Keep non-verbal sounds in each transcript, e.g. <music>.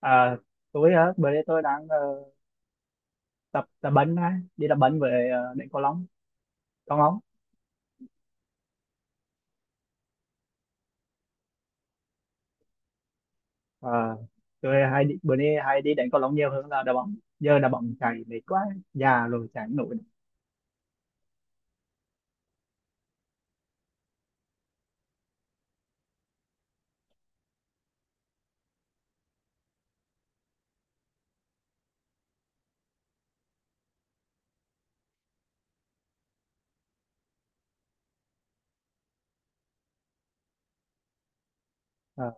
À, tôi hả? Bữa nay tôi đang tập tập bánh á, đi tập bánh về đánh cầu lông, cầu lông. À, tôi hay đi, bữa nay hay đi đánh cầu lông nhiều hơn là đá bóng. Giờ đá bóng chạy mệt quá, già rồi chạy không nổi. À,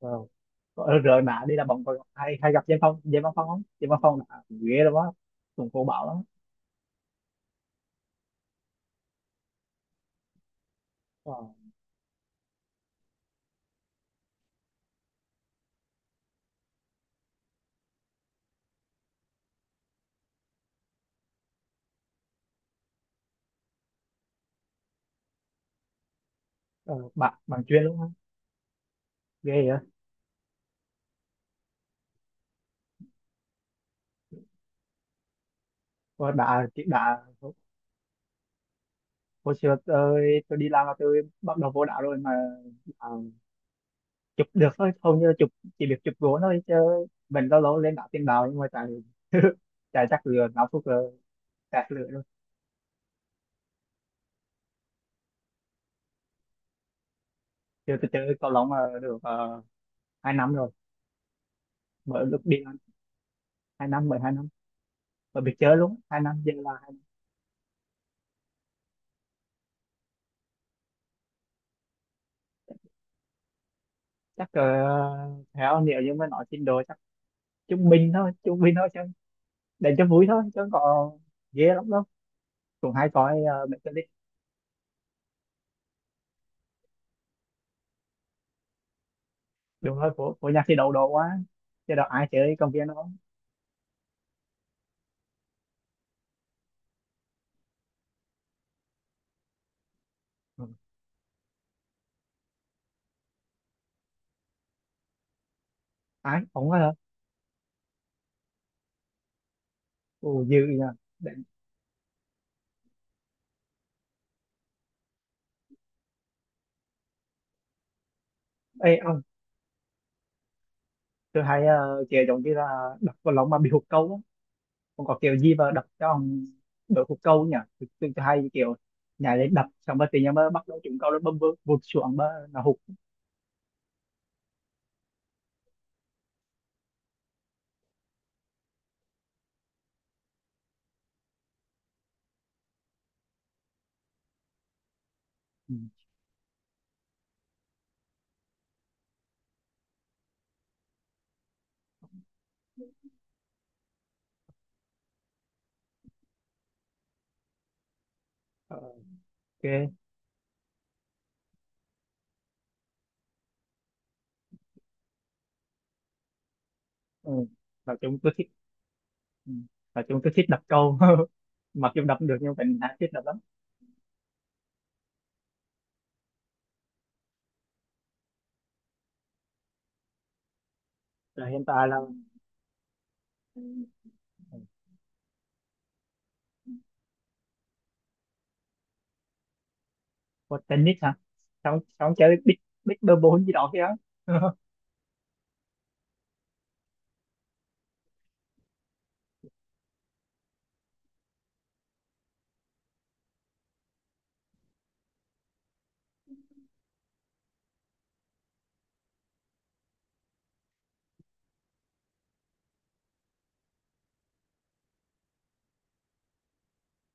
wow. Ờ, rồi mà đi đá bóng còn hay hay gặp Diêm Phong, Diêm Văn Phong không? Diêm Văn Phong là ghê lắm á, cũng cô bảo lắm. Ờ, ờ, bạn bạn chuyên luôn á, ghê vậy. Ờ, đã hồi xưa tôi đi làm là tôi bắt đầu vô đạo rồi, mà chụp được thôi, hầu như là chụp, chỉ biết chụp gỗ thôi chứ mình lâu lâu lên đá tiền đạo nhưng mà chạy <laughs> chạy chắc lừa 5 phút là chạy lừa luôn. Chưa, tôi chơi cầu lông được 2 năm rồi, mới lúc đi ăn, hai năm, 12 năm mà biết chơi luôn, hai năm giờ là chắc theo nếu như mà nói trình độ chắc trung bình thôi, trung bình thôi chứ, để cho vui thôi chứ không có ghê lắm đâu. Cũng hay coi mấy cái clip, đúng rồi, của nhạc thì đầu độ quá, chứ đâu ai chơi công viên đâu. Ừ. Ai ổng hả? Ồ dư nhờ. Để- Ê, tôi thấy kèo giống như là đập vào lông mà bị hụt câu á, còn có kèo gì mà đập cho ông đội hụt câu nhỉ. Tôi hay kiểu nhảy lên đập xong rồi tự nhiên mới bắt đầu trúng câu, nó bơm bơm vụt xuống mà nó hụt. Ừ. Ờ, ok. Ừ. Nói chung tôi thích. Ừ. Nói chung tôi thích đập câu <laughs> mặc dù đập được nhưng mình đã thích đập lắm. Rồi hiện tại là ừ, có tennis hả? Xong xong chơi big big bơm bốn gì đó kia. <laughs>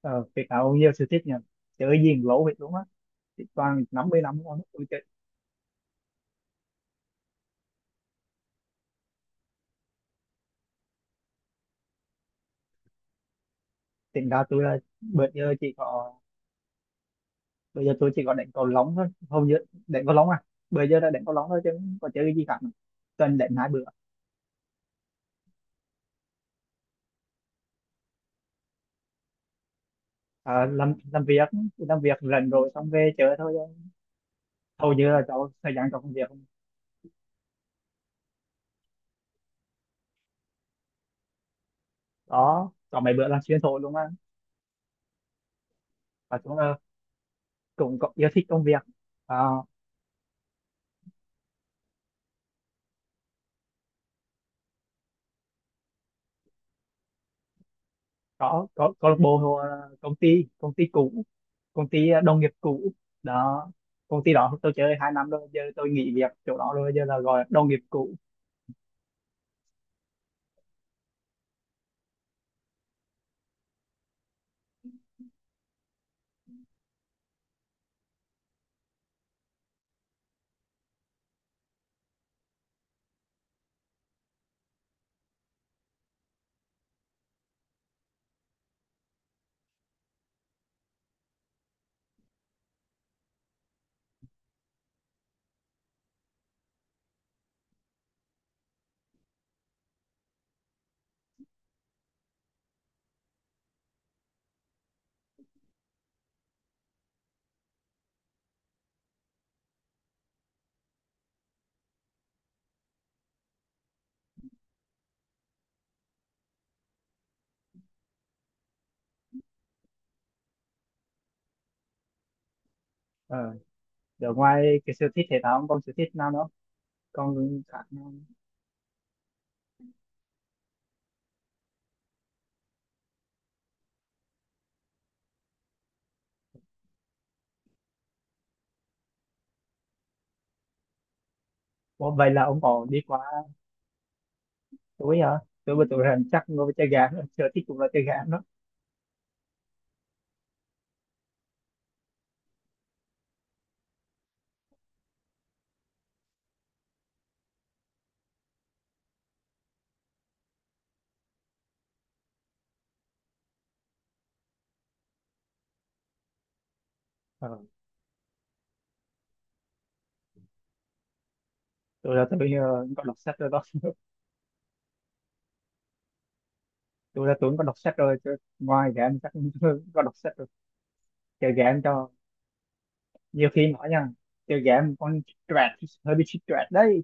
Ờ, Việt Nam nhiều sự thích nhỉ, chơi gì cũng lỗ việc luôn á, toàn 50 năm rồi tôi chơi. Tính ra tôi là bây giờ chỉ có, bây giờ tôi chỉ có đánh cầu lông thôi, hầu như đánh cầu lông à, bây giờ đã đánh cầu lông thôi chứ không có chơi cái gì cả, tuần đánh hai bữa. À, làm việc, làm việc rảnh rồi xong về chơi thôi chứ, hầu như là cháu thời gian cho công việc. Đó có mấy bữa là xuyên thổi luôn á, và chúng là cũng có yêu thích công việc. À, có câu lạc bộ hoặc công ty cũ, công ty à, đồng nghiệp cũ đó, công ty đó tôi chơi 2 năm rồi, giờ tôi nghỉ việc chỗ đó rồi, giờ là gọi là đồng nghiệp cũ. Ờ, giờ ngoài cái sở thích thể thao ông còn sở thích nào nữa không? Còn khác nào không? Ủa, vậy là ông có đi qua túi hả? Tôi mà tôi rằng chắc ngồi với chơi game, sở thích cũng là chơi game đó. Ờ. Tôi là tôi có đọc sách rồi đó. <laughs> Tôi là tôi cũng có đọc sách rồi. Tôi, ngoài game chắc <laughs> tôi có đọc sách rồi. Chơi game cho nhiều khi nói nha. Chơi game con stress, hơi bị stress đấy.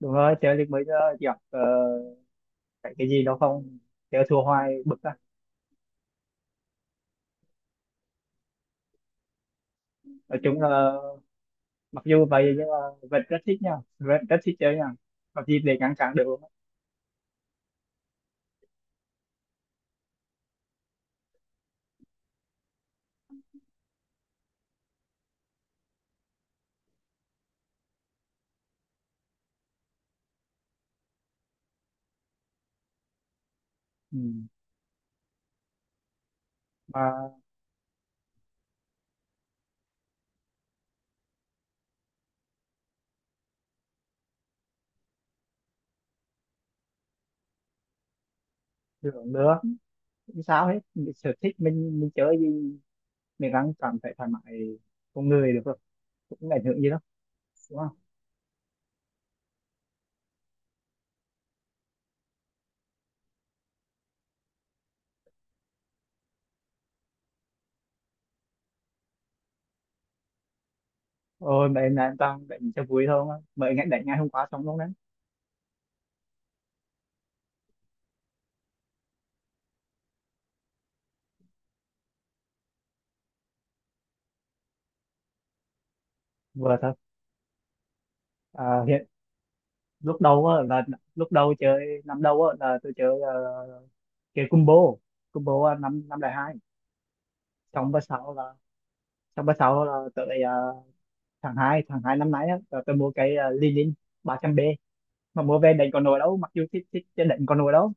Đúng rồi, chơi được mấy giờ gặp phải cái gì đó không? Chơi thua hoài bực á. Nói chung là mặc dù vậy nhưng mà vẫn rất thích nha, vẫn rất thích chơi nha, có gì để ngăn cản được luôn á. Ừ. Mà hưởng nữa, không sao hết. Mình sở thích mình chơi gì mình đang cảm thấy thoải mái con người được rồi, cũng không ảnh hưởng gì đâu, đúng không? Ôi mà em là em đang đánh cho vui thôi mà, mới ngày đánh ngày hôm qua xong luôn đấy. Vừa thôi. À, hiện lúc đầu á là, lúc đầu chơi năm đầu á là tôi chơi chơi combo, combo năm năm đại hai, xong bữa sau là, xong bữa sau là tới tháng hai, tháng 2 năm nay á, tớ mua cái Lilin 300 b, mà mua về đánh con nồi đâu, mặc dù thích, thích chứ đánh con nồi đâu,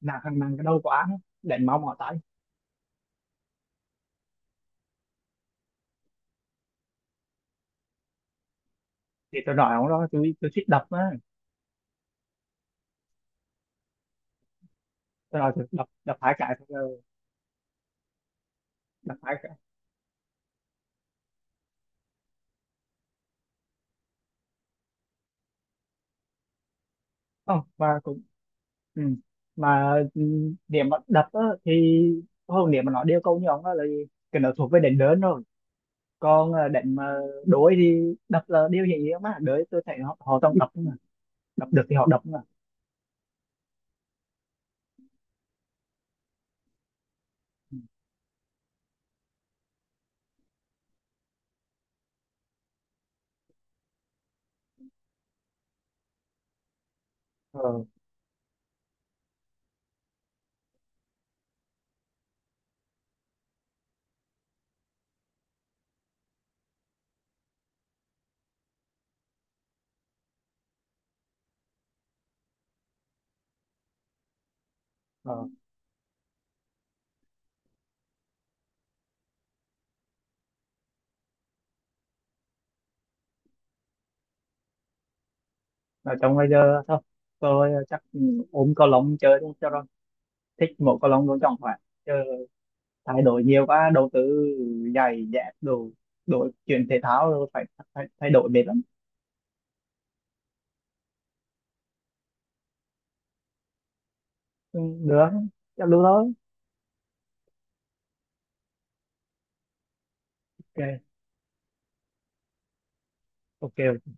nàng thằng nàng cái đầu quá á, đánh mau mỏ tay. Thì tôi nói ông đó, tôi thích đập á. Tôi nói tôi đập, đập hai cái rồi, đập hai cái, không, và cũng ừ. Mà ừ, điểm mà đập á thì không, điểm mà nó điều câu như ông đó là cái nó thuộc về đánh lớn rồi, còn đánh mà đối thì đập là điều hiển nhiên mà, đối tôi thấy họ, họต้องđập mà, đập được thì họ đập mà. Ừ, ờ ờ. Ở trong bây giờ thôi tôi chắc ừ, ôm cầu lông chơi thôi cho rồi, thích một cầu lông luôn chẳng phải chứ, thay đổi nhiều quá, đầu tư giày dép đồ đổi, chuyển thể thao rồi phải, phải thay đổi mệt lắm. Ừ, được, chắc luôn thôi. Ok. Ok.